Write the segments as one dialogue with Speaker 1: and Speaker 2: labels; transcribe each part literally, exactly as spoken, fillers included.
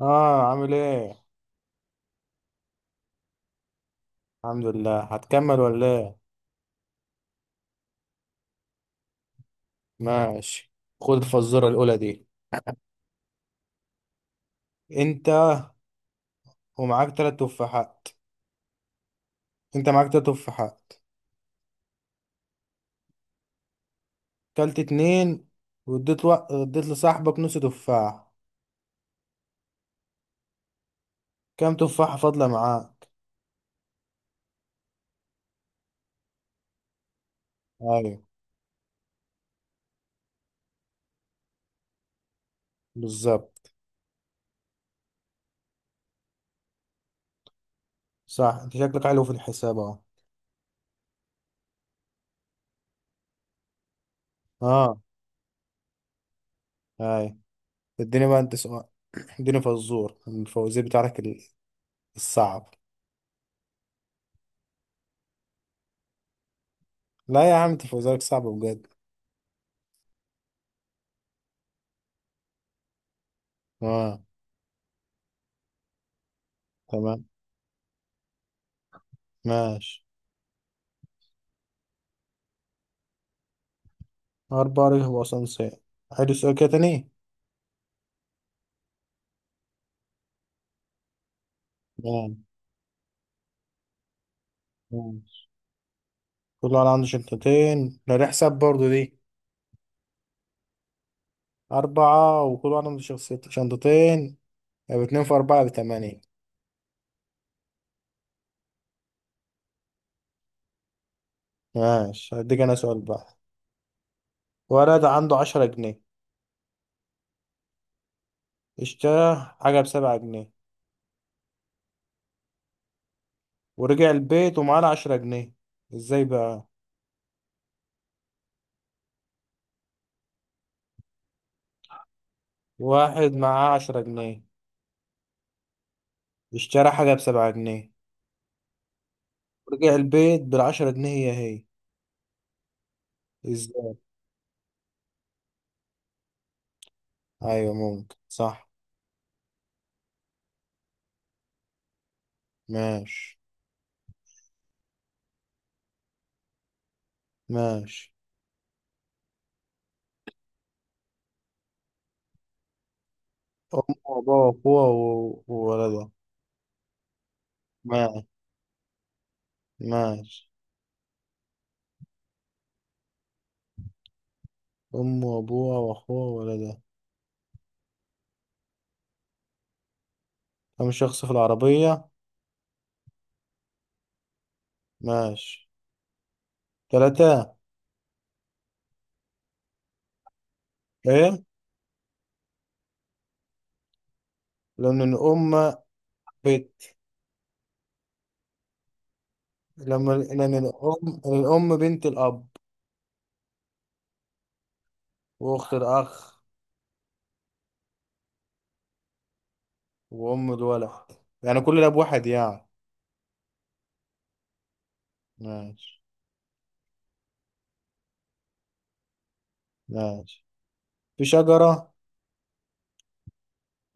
Speaker 1: اه، عامل ايه؟ الحمد لله. هتكمل ولا ايه؟ ماشي. خد الفزوره الاولى دي. انت ومعاك تلات تفاحات. انت معاك تلات تفاحات. كلت اتنين، واديت و... اديت لصاحبك نص تفاح. كام تفاحه فاضله معاك؟ ايوه، بالظبط. صح، انت شكلك حلو في الحساب اهو. اه، ايوه. اديني بقى انت سؤال. اديني فزور من الفوازير بتاعك ال- الصعب. لا يا عم، انت فوازيرك صعب بجد. اه، تمام. ماشي. أربع رجل وأسانسير. عيد السؤال كده تاني. نعم. نعم. كل واحد عنده شنطتين، ده دي حساب برضه دي. أربعة وكل واحد عنده شخصيت- شنطتين. يبقى اتنين في أربعة بتمانية. ماشي، هديك أنا سؤال بقى. ولد عنده عشرة جنيه، اشترى حاجة بسبعة جنيه، ورجع البيت ومعاه عشرة جنيه. ازاي بقى؟ واحد معاه عشرة جنيه، اشترى حاجة بسبعة جنيه، ورجع البيت بالعشرة جنيه هي هي. ازاي؟ أيوة ممكن، صح. ماشي. ماشي. أمه وأبوها وأخوها و- وولدها. ماشي. ماشي. أمه وأبوها وأخوها وولدها. كم شخص في العربية؟ ماشي. تلاتة. إيه؟ لأن الأم بنت. لما لأن الأم الأم بنت الأب، وأخت الأخ، وأم الولد. يعني كل الأب واحد يعني. ماشي. ماشي. في شجرة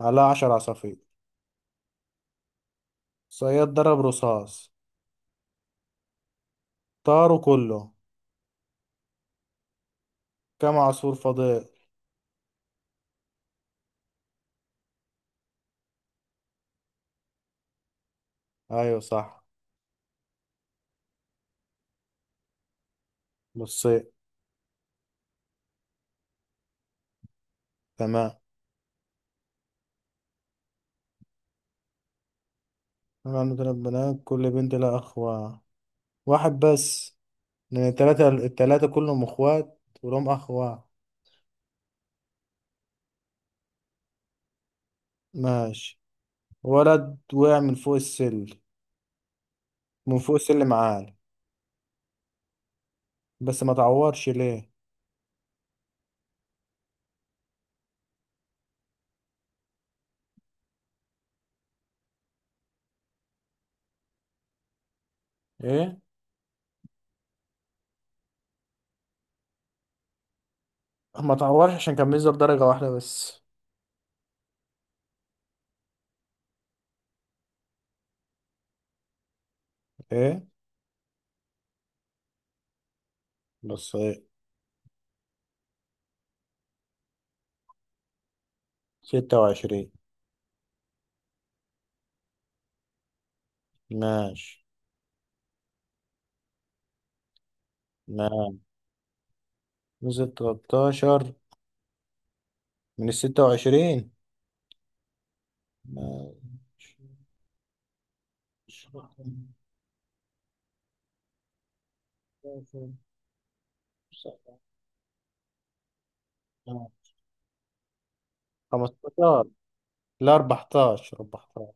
Speaker 1: عليها عشر عصافير. صياد ضرب رصاص، طاروا كله. كم عصفور فاضل؟ أيوة صح. بصيت. تمام. أنا عندي تلات بنات، كل بنت لها أخ وا- واحد بس، لأن التلاتة التلاتة كلهم أخوات ولهم أخ واحد. ماشي. ولد وقع من فوق السل من فوق السلم عالي، بس ما تعورش. ليه؟ إيه. ما تعورش عشان كان بينزل درجة واحدة بس. إيه. بس إيه. ستة وعشرين. ماشي. ماشي. نزل تلاتاشر من الستة وعشرين. ماشي. خمستاشر، لا اربعتاشر. اربعتاشر.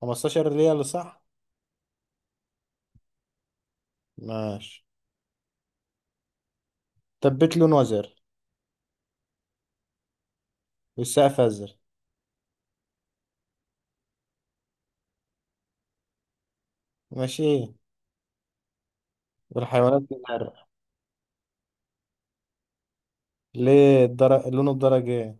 Speaker 1: خمستاشر ريال، صح. ماشي. تبت لون وزر، والسقف ازرق. ماشي. والحيوانات بتزرق. ليه الدرج لونه؟ الدرج ايه؟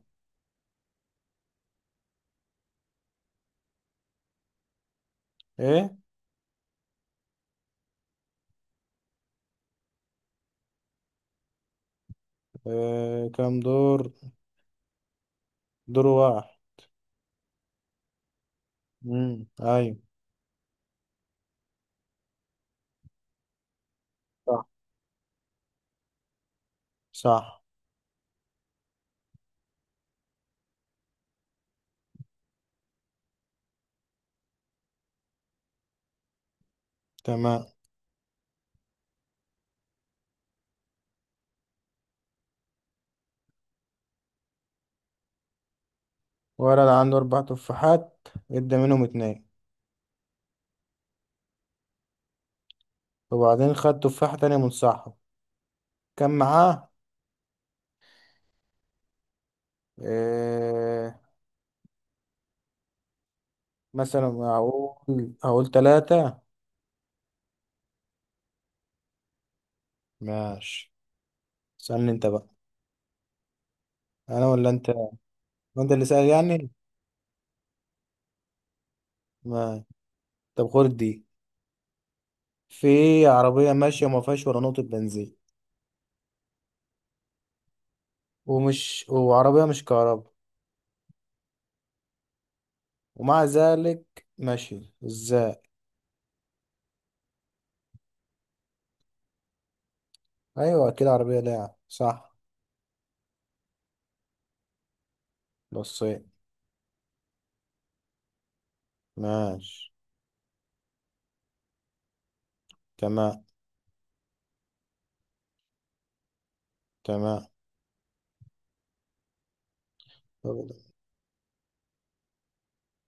Speaker 1: ايه؟ آه... كام دور؟ دور واحد. امم ايوه. صح. صح. تمام. ولد عنده اربع تفاحات، ادى منهم اتنين، وبعدين خد تفاحة تانية من صاحبه. كان معاه؟ إيه... مثلا هقول هقول تلاتة. ماشي. استنى انت بقى. انا ولا انت؟ ما انت اللي سأل يعني. ما طب خد دي. في عربية ماشية وما فيهاش ولا نقطة بنزين، ومش وعربية مش كهرباء، ومع ذلك ماشي، ازاي؟ ايوه، اكيد عربية لاعب، صح. بصين. ماشي. تمام. تمام. طب-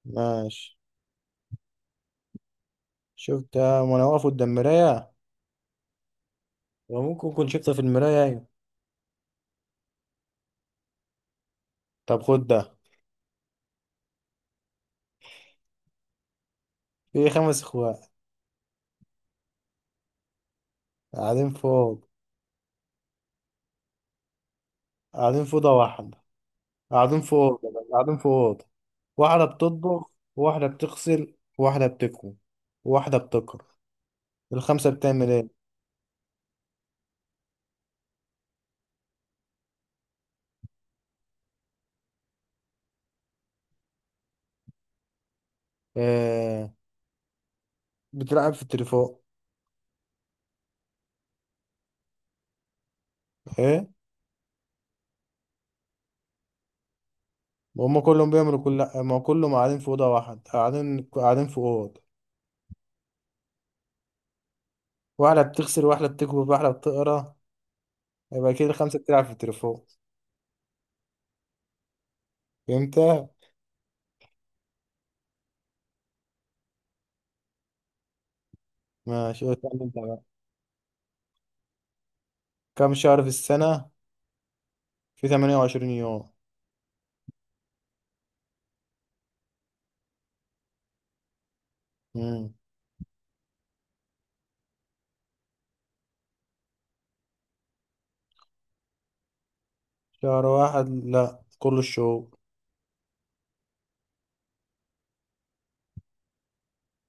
Speaker 1: ماشي. شفتها وانا واقف قدام مراية، وممكن كنت شفتها في المراية. ايوه. طب خد ده. في خمس اخوات قاعدين فوق، قاعدين في اوضة واحدة، قاعدين في أوضة قاعدين في أوضة واحدة بتطبخ، واحدة بتغسل، واحدة بتكوي، واحدة بتقرا. الخمسة بتعمل ايه؟ آه بتلعب في التليفون. ايه؟ هما كلهم بيعملوا كل ما كلهم قاعدين في أوضة واحدة، قاعدين قاعدين في أوضة، واحدة بتغسل، واحدة بتكوي، واحدة بتقرا، يبقى كده الخمسة بتلعب في التليفون. فهمت؟ ماشي. استنى انت بقى. كم شهر في السنة في ثمانية وعشرين يوم؟ مم. شهر واحد لا، كل الشهور.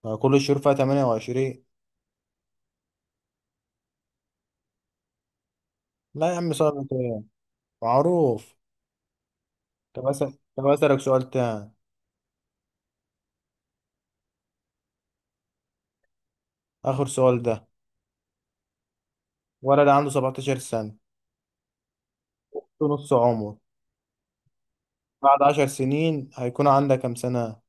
Speaker 1: آه، كل الشهور فيها تمانية وعشرين. لا يا عم، صعب كده، معروف. طب أسأل، طب أسألك سؤال تاني، آخر سؤال ده. ولد عنده سبعتاشر سنة، في نص عمره، بعد 10 سنين هيكون عندها كام سنة؟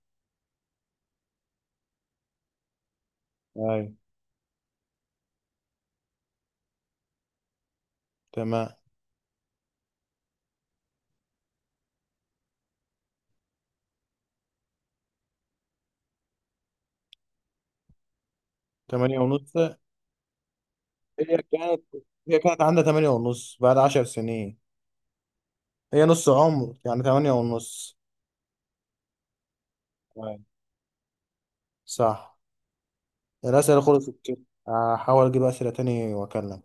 Speaker 1: أيوة. تمام. تمانية ونص. هي كانت هي كانت عندها ثمانية ونص بعد 10 سنين. هي نص عمر، يعني تمانية ونص. أيوة. صح. الأسئلة خلصت كده. هحاول أجيب أسئلة تاني وأكلم.